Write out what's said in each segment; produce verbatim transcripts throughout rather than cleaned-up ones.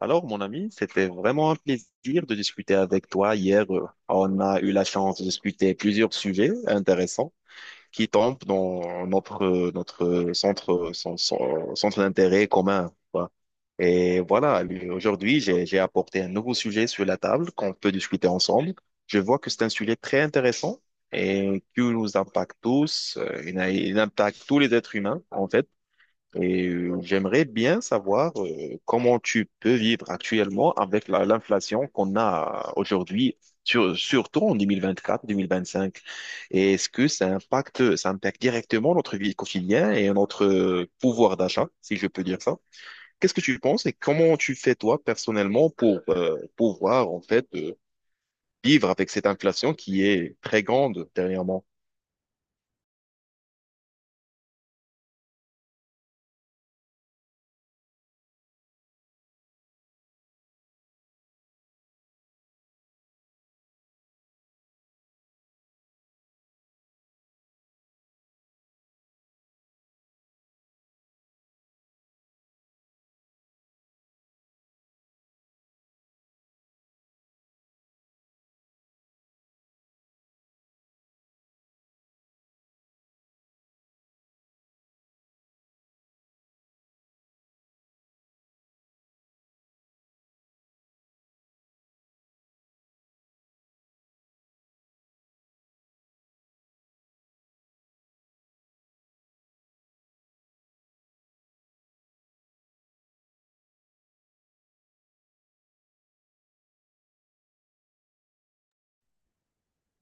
Alors, mon ami, c'était vraiment un plaisir de discuter avec toi hier. euh, On a eu la chance de discuter plusieurs sujets intéressants qui tombent dans notre, euh, notre centre, son- son- centre d'intérêt commun, quoi. Et voilà, lui, aujourd'hui, j'ai, j'ai apporté un nouveau sujet sur la table qu'on peut discuter ensemble. Je vois que c'est un sujet très intéressant et qui nous impacte tous. euh, Il, a- il impacte tous les êtres humains, en fait. Et euh, j'aimerais bien savoir euh, comment tu peux vivre actuellement avec la- l'inflation qu'on a aujourd'hui, sur- surtout en deux deux mille mille vingt-quatre, deux mille vingt-cinq. Et est-ce que ça impacte, ça impacte directement notre vie quotidienne et notre euh, pouvoir d'achat, si je peux dire ça? Qu'est-ce que tu penses et comment tu fais toi personnellement pour euh, pouvoir en fait euh, vivre avec cette inflation qui est très grande dernièrement?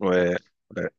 Ouais, ouais.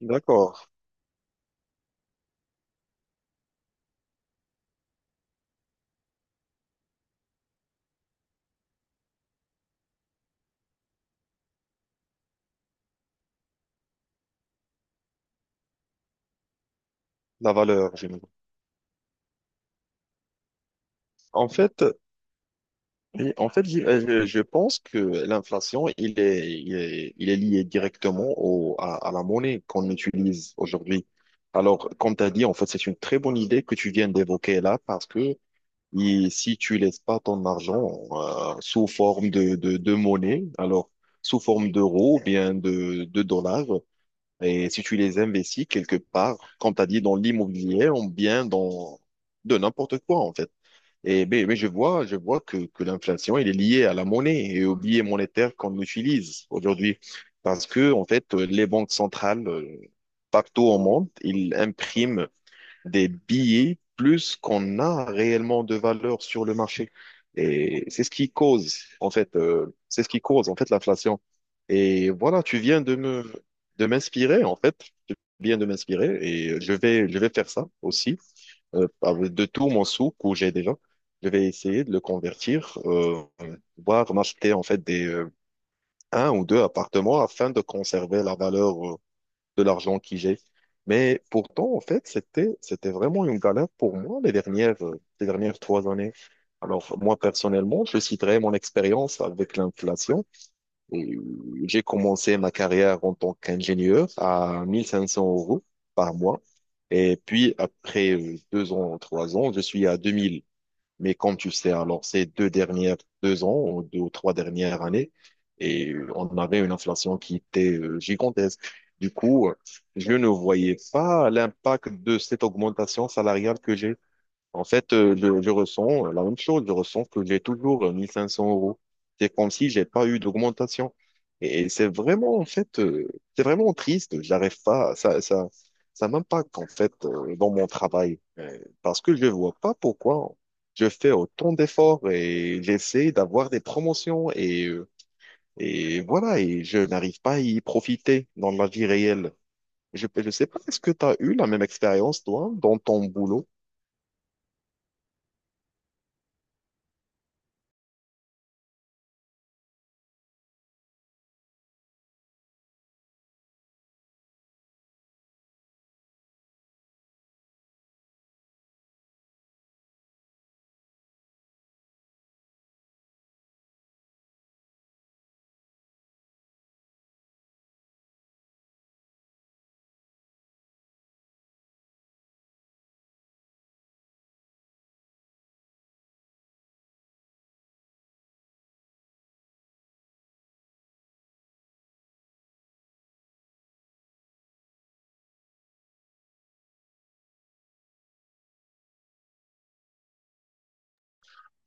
D'accord. La valeur, j'aime. En fait, oui, en fait, j'y- euh, je, je pense que l'inflation, il est, il est, il est lié directement au, à, à la monnaie qu'on utilise aujourd'hui. Alors, comme tu as dit, en fait, c'est une très bonne idée que tu viens d'évoquer là parce que il- si tu laisses pas ton argent euh, sous forme de, de, de monnaie, alors sous forme d'euros ou bien de, de dollars, et si tu les investis quelque part, comme tu as dit, dans l'immobilier ou bien dans de n'importe quoi, en fait. Et, mais, mais je vois, je vois que, que l'inflation, elle est liée à la monnaie et au billet monétaire qu'on utilise aujourd'hui. Parce que, en fait, euh, les banques centrales, euh, partout au monde, ils impriment des billets plus qu'on a réellement de valeur sur le marché. Et c'est ce qui cause, en fait, euh, c'est ce qui cause, en fait, l'inflation. Et voilà, tu viens de me, de m'inspirer, en fait. Tu viens de m'inspirer et je vais, je vais faire ça aussi euh, avec de tout mon souk que j'ai déjà. Je vais essayer de le convertir, euh, voire m'acheter en fait des euh, un ou deux appartements afin de conserver la valeur euh, de l'argent que j'ai. Mais pourtant, en fait, c'était c'était vraiment une galère pour moi les dernières euh, les dernières trois années. Alors moi personnellement, je citerai mon expérience avec l'inflation. Et euh, j'ai commencé ma carrière en tant qu'ingénieur à mille cinq cents euros par mois. Et puis, après euh, deux ans, trois ans, je suis à deux mille. Mais comme tu sais, alors ces deux dernières, deux ans, ou deux ou trois dernières années, et euh, on avait une inflation qui était euh, gigantesque. Du coup, euh, je ne voyais pas l'impact de cette augmentation salariale que j'ai. En fait, euh, je, je ressens euh, la même chose. Je ressens que j'ai toujours euh, mille cinq cents euros. C'est comme si j'ai pas eu d'augmentation. Et c'est vraiment, en fait, euh, c'est vraiment triste. J'arrive pas, ça, ça, ça m'impacte, en fait, euh, dans mon travail. Euh, parce que je vois pas pourquoi je fais autant d'efforts et j'essaie d'avoir des promotions et, euh, et voilà, et je n'arrive pas à y profiter dans la vie réelle. Je, je sais pas, est-ce que tu as eu la même expérience, toi, dans ton boulot?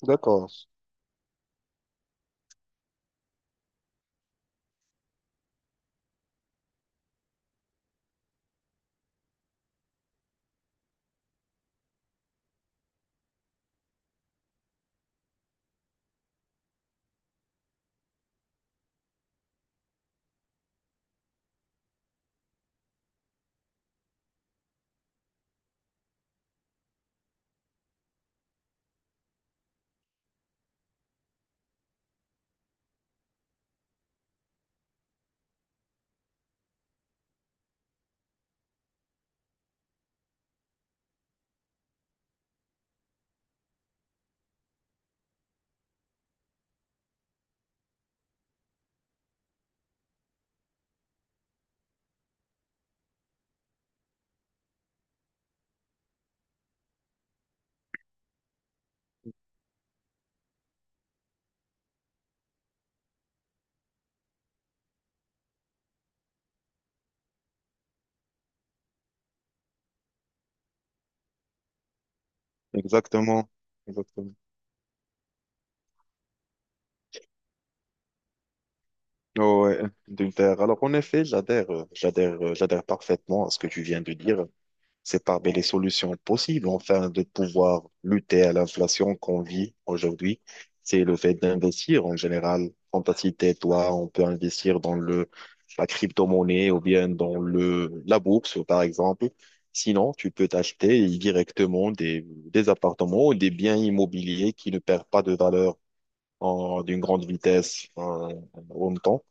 D'accord. Exactement, exactement. Oh, ouais, d'Ulter. Alors en effet, j'adhère, euh, j'adhère, euh, j'adhère parfaitement à ce que tu viens de dire. C'est parmi les solutions possibles, enfin, de pouvoir lutter à l'inflation qu'on vit aujourd'hui. C'est le fait d'investir en général. Quand t'as cité, toi, on peut investir dans le, la crypto-monnaie ou bien dans le, la bourse, par exemple. Sinon, tu peux t'acheter directement des, des appartements ou des biens immobiliers qui ne perdent pas de valeur en- d'une grande vitesse en, en même temps.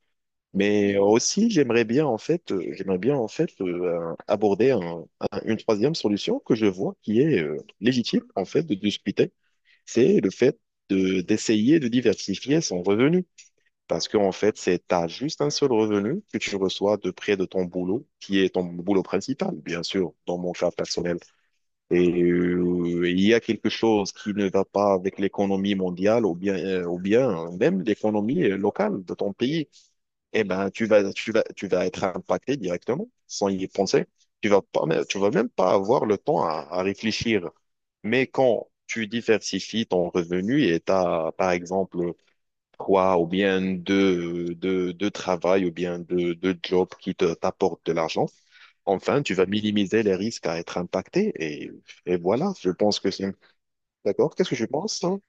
Mais aussi, j'aimerais bien en fait, euh, j'aimerais bien en fait euh, aborder un- un- une troisième solution que je vois qui est euh, légitime en fait de discuter. C'est le fait de d'essayer de diversifier son revenu. Parce qu'en fait, c'est t'as juste un seul revenu que tu reçois de près de ton boulot, qui est ton boulot principal, bien sûr, dans mon cas personnel. Et euh, il y a quelque chose qui ne va pas avec l'économie mondiale ou bien euh, ou bien même l'économie euh, locale de ton pays. Eh ben, tu vas tu vas tu vas être impacté directement sans y penser. Tu vas pas mais tu vas même pas avoir le temps à, à réfléchir. Mais quand tu diversifies ton revenu et t'as par exemple trois ou bien deux, deux, deux travails ou bien deux, deux jobs qui te, t'apportent de l'argent. Enfin, tu vas minimiser les risques à être impacté et, et voilà, je pense que c'est... D'accord? Qu'est-ce que je pense, hein?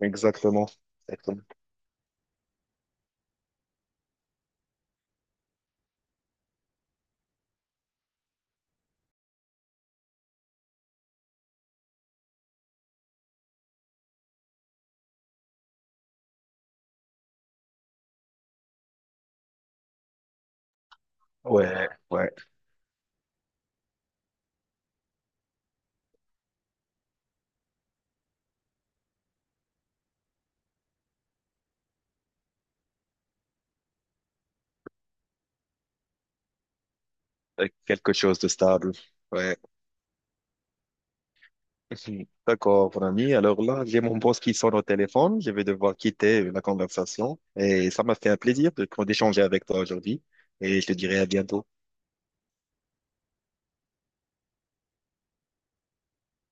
Exactement. Exactement. Ouais, ouais. Euh, Quelque chose de stable. Ouais. D'accord, mon ami. Alors là, j'ai mon boss qui sonne au téléphone. Je vais devoir quitter la conversation et ça m'a fait un plaisir de d'échanger avec toi aujourd'hui et je te dirai à bientôt.